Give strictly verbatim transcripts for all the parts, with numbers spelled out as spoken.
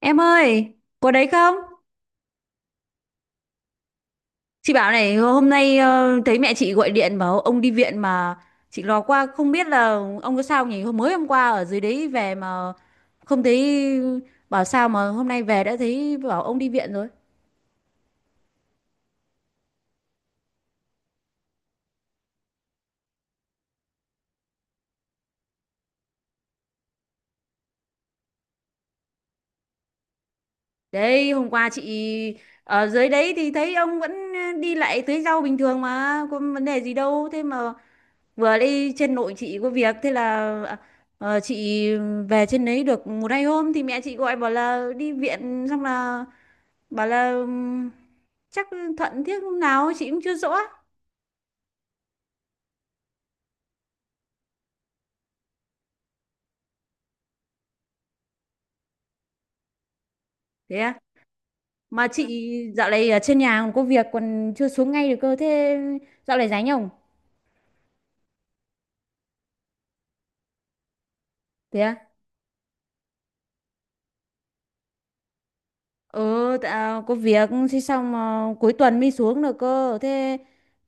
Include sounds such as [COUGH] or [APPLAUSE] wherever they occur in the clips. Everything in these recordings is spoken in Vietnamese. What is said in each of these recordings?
Em ơi, có đấy không? Chị bảo này, hôm nay ờ, thấy mẹ chị gọi điện bảo ông đi viện mà chị lò qua không biết là ông có sao nhỉ? Hôm mới hôm qua ở dưới đấy về mà không thấy, bảo sao mà hôm nay về đã thấy bảo ông đi viện rồi. Đấy, hôm qua chị ở dưới đấy thì thấy ông vẫn đi lại tưới rau bình thường mà, có vấn đề gì đâu. Thế mà vừa đi trên nội chị có việc, thế là ờ, chị về trên đấy được một hai hôm thì mẹ chị gọi bảo là đi viện, xong là bảo là ừm, chắc Thuận thiết lúc nào chị cũng chưa rõ. Thế à? Mà chị dạo này ở trên nhà còn có việc, còn chưa xuống ngay được cơ, thế dạo này rảnh không? Thế à? Ừ tạ, có việc thế xong mà cuối tuần mới xuống được cơ, thế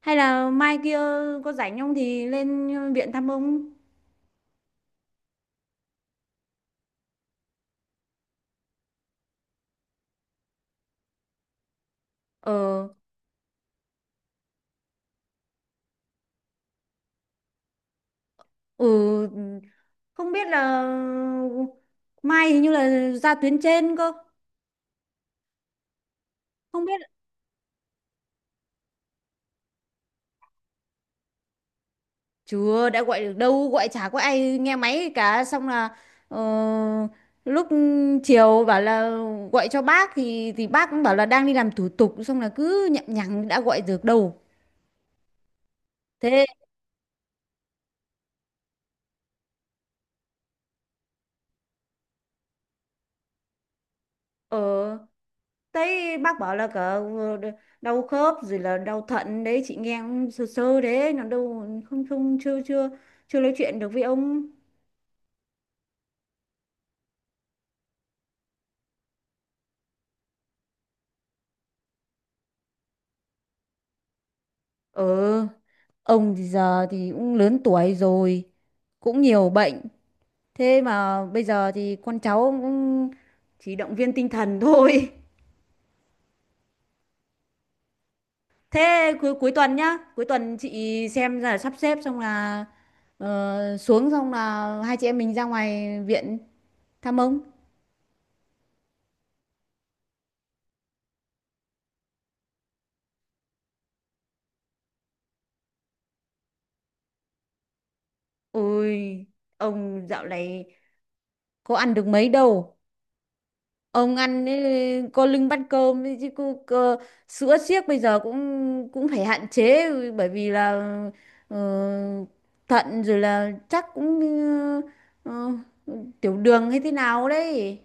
hay là mai kia có rảnh không thì lên viện thăm ông. Ờ. Ừ, không biết là mai hình như là ra tuyến trên cơ, không biết. Chưa, đã gọi được đâu, gọi chả có ai nghe máy cả. Xong là ờ, lúc chiều bảo là gọi cho bác thì thì bác cũng bảo là đang đi làm thủ tục. Xong là cứ nhậm nhằng đã gọi được đâu. Thế, ờ, thấy bác bảo là cả ờ, đau khớp rồi là đau thận đấy. Chị nghe cũng sơ sơ đấy, nó đâu không không chưa chưa chưa nói chuyện được với ông. Ờ, ông thì giờ thì cũng lớn tuổi rồi, cũng nhiều bệnh. Thế mà bây giờ thì con cháu cũng chỉ động viên tinh thần thôi. [LAUGHS] Thế cuối cuối tuần nhá, cuối tuần chị xem là sắp xếp xong là ờ, xuống xong là hai chị em mình ra ngoài viện thăm ông. Ôi, ông dạo này có ăn được mấy đâu. Ông ăn ấy, có lưng bắt cơm ấy chứ cô, cô, sữa siếc bây giờ cũng cũng phải hạn chế bởi vì là ờ, thận rồi là chắc cũng ờ, tiểu đường hay thế nào đấy.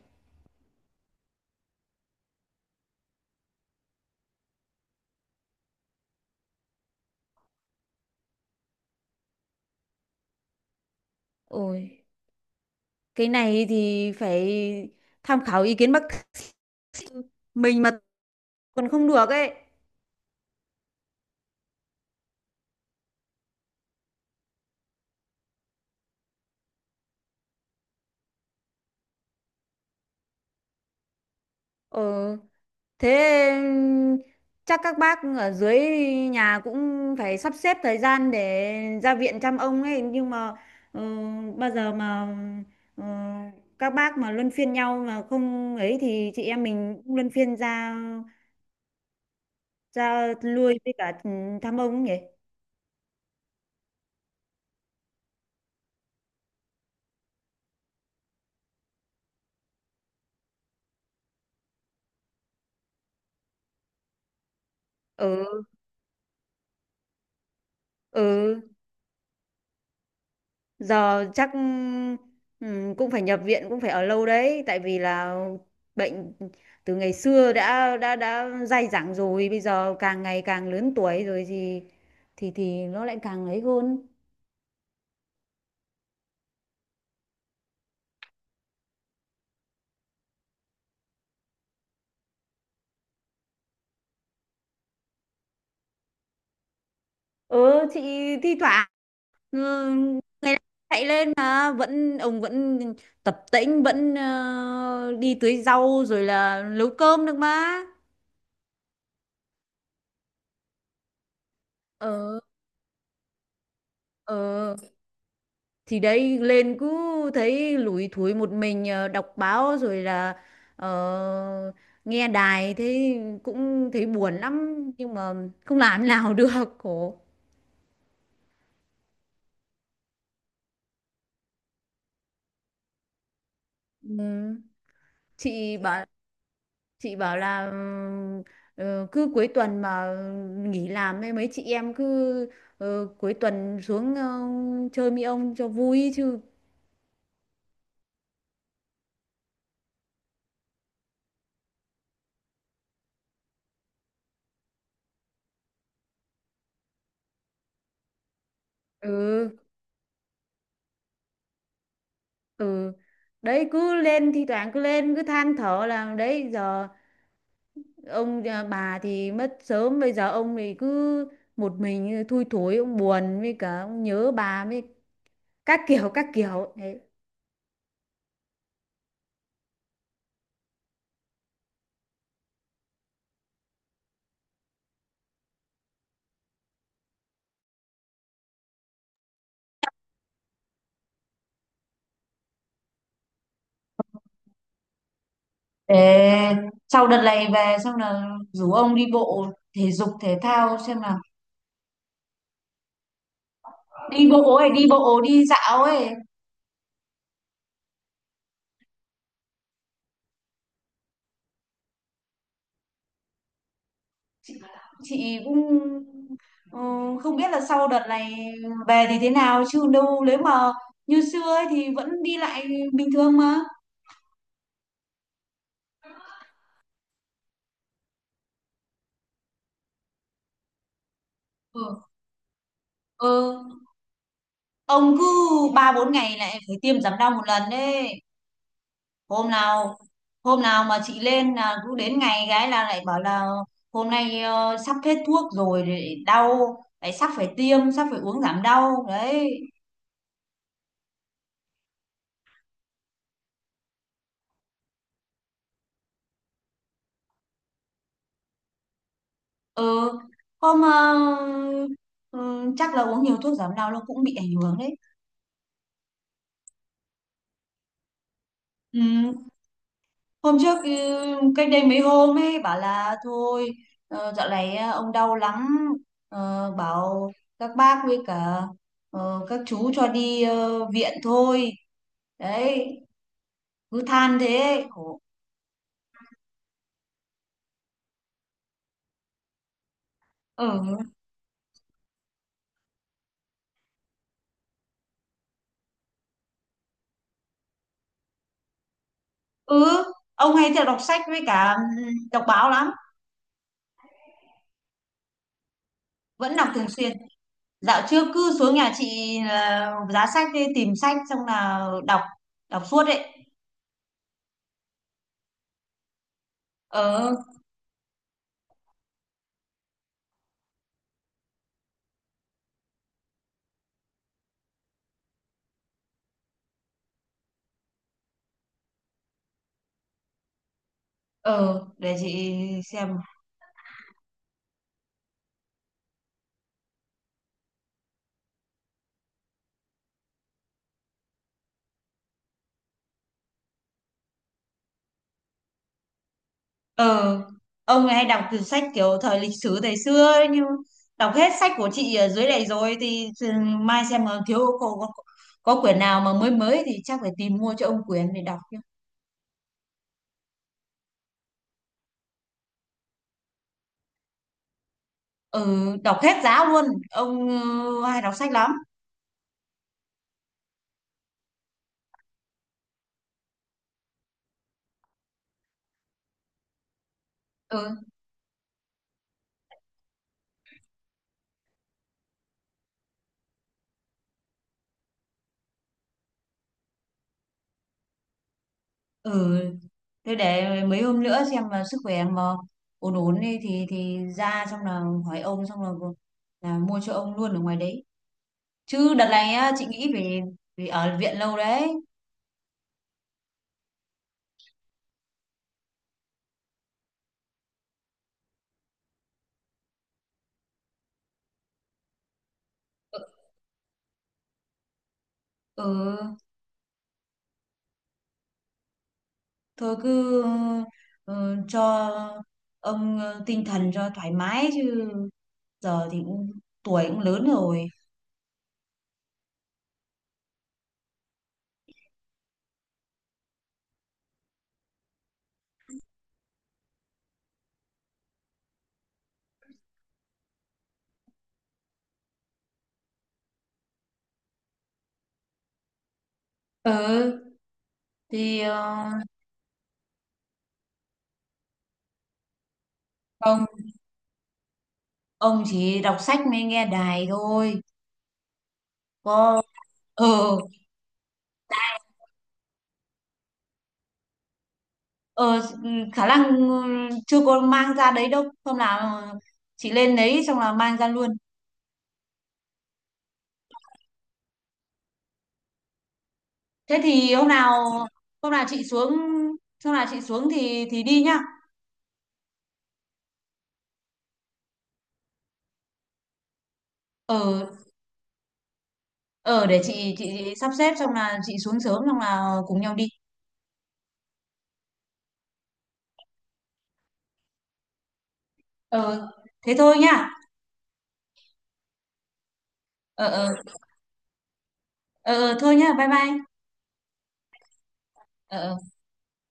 Ôi, cái này thì phải tham khảo ý kiến bác [LAUGHS] sĩ, mình mà còn không được ấy. Ờ, thế chắc các bác ở dưới nhà cũng phải sắp xếp thời gian để ra viện chăm ông ấy, nhưng mà ờ, bao giờ mà ờ, các bác mà luân phiên nhau mà không ấy thì chị em mình cũng luân phiên ra ra lui với cả thăm ông ấy nhỉ. Ừ. Ừ, giờ chắc ừm, cũng phải nhập viện, cũng phải ở lâu đấy tại vì là bệnh từ ngày xưa đã đã đã dai dẳng rồi, bây giờ càng ngày càng lớn tuổi rồi thì thì thì nó lại càng ấy hơn. Ừ, chị thi thoảng, ừ, ngày nào chạy lên mà vẫn ông vẫn tập tễnh, vẫn ờ, đi tưới rau rồi là nấu cơm được mà. Ờ, ờ, thì đấy lên cứ thấy lủi thủi một mình, ờ, đọc báo rồi là ờ, nghe đài, thế cũng thấy buồn lắm nhưng mà không làm nào [LAUGHS] được, khổ. Ừ, chị bảo chị bảo là ừm, ờ, cứ cuối tuần mà nghỉ làm ấy, mấy chị em cứ ờ, cuối tuần xuống ờ, chơi mi ông cho vui chứ. Ừ, ừ, đấy cứ lên thi thoảng cứ lên cứ than thở là đấy giờ ông à, bà thì mất sớm, bây giờ ông thì cứ một mình thui thối, ông buồn với cả ông nhớ bà với các kiểu các kiểu đấy. Ê, sau đợt này về xong là rủ ông đi bộ thể dục thể thao xem nào, đi bộ ấy, đi bộ đi dạo ấy. Chị cũng, ừ, không biết là sau đợt này về thì thế nào chứ đâu nếu mà như xưa ấy thì vẫn đi lại bình thường mà. Ừ, ừ, ông cứ ba bốn ngày lại phải tiêm giảm đau một lần đấy. hôm nào Hôm nào mà chị lên là cứ đến ngày gái là lại bảo là hôm nay ờ, sắp hết thuốc rồi, để đau lại sắp phải tiêm, sắp phải uống giảm đau đấy. Ừ, hôm ờ, ừ, chắc là uống nhiều thuốc giảm đau nó cũng bị ảnh hưởng đấy. Ừ, hôm trước ừ, cách đây mấy hôm ấy bảo là thôi, ờ, dạo này ờ, ông đau lắm. Ờ, bảo các bác với cả ờ, các chú cho đi ờ, viện thôi, đấy, cứ than thế. Khổ. Ừ, ừ, ông hay theo đọc sách với cả, ừ, đọc báo lắm. Vẫn đọc thường xuyên. Dạo trước cứ xuống nhà chị là giá sách đi tìm sách xong là đọc, đọc suốt ấy. Ờ, ờ, để chị xem. Ờ, ông ấy hay đọc từ sách kiểu thời lịch sử thời xưa ấy, nhưng đọc hết sách của chị ở dưới này rồi thì thì mai xem mà thiếu, có, có, có quyển nào mà mới mới thì chắc phải tìm mua cho ông quyển để đọc chứ. Ừ, đọc hết giá luôn. Ông ờ, hay đọc sách lắm. Ừ, ừ. Thế để mấy hôm nữa xem mà sức khỏe mà ổn ổn đi thì thì ra xong là hỏi ông xong là là mua cho ông luôn ở ngoài đấy. Chứ đợt này á, chị nghĩ về vì ở viện lâu đấy. Ừ. Ừ. Thôi cứ ờ, cho ông ờ, tinh thần cho thoải mái chứ giờ thì cũng tuổi cũng lớn rồi. Ừ, thì ờ, ông ông chỉ đọc sách mới nghe đài thôi, có. Ờ, ờ, khả năng ờ, chưa có mang ra đấy đâu, hôm nào chị lên đấy xong là mang ra luôn. Thế thì hôm nào hôm nào chị xuống hôm nào chị xuống thì thì đi nhá. Ờ, ờ, để chị, chị chị sắp xếp xong là chị xuống sớm xong là cùng nhau đi. Ờ, thế thôi nhá. Ờ, ờ. Ờ, ờ, thôi nhá, bye bye. Ờ, ờ.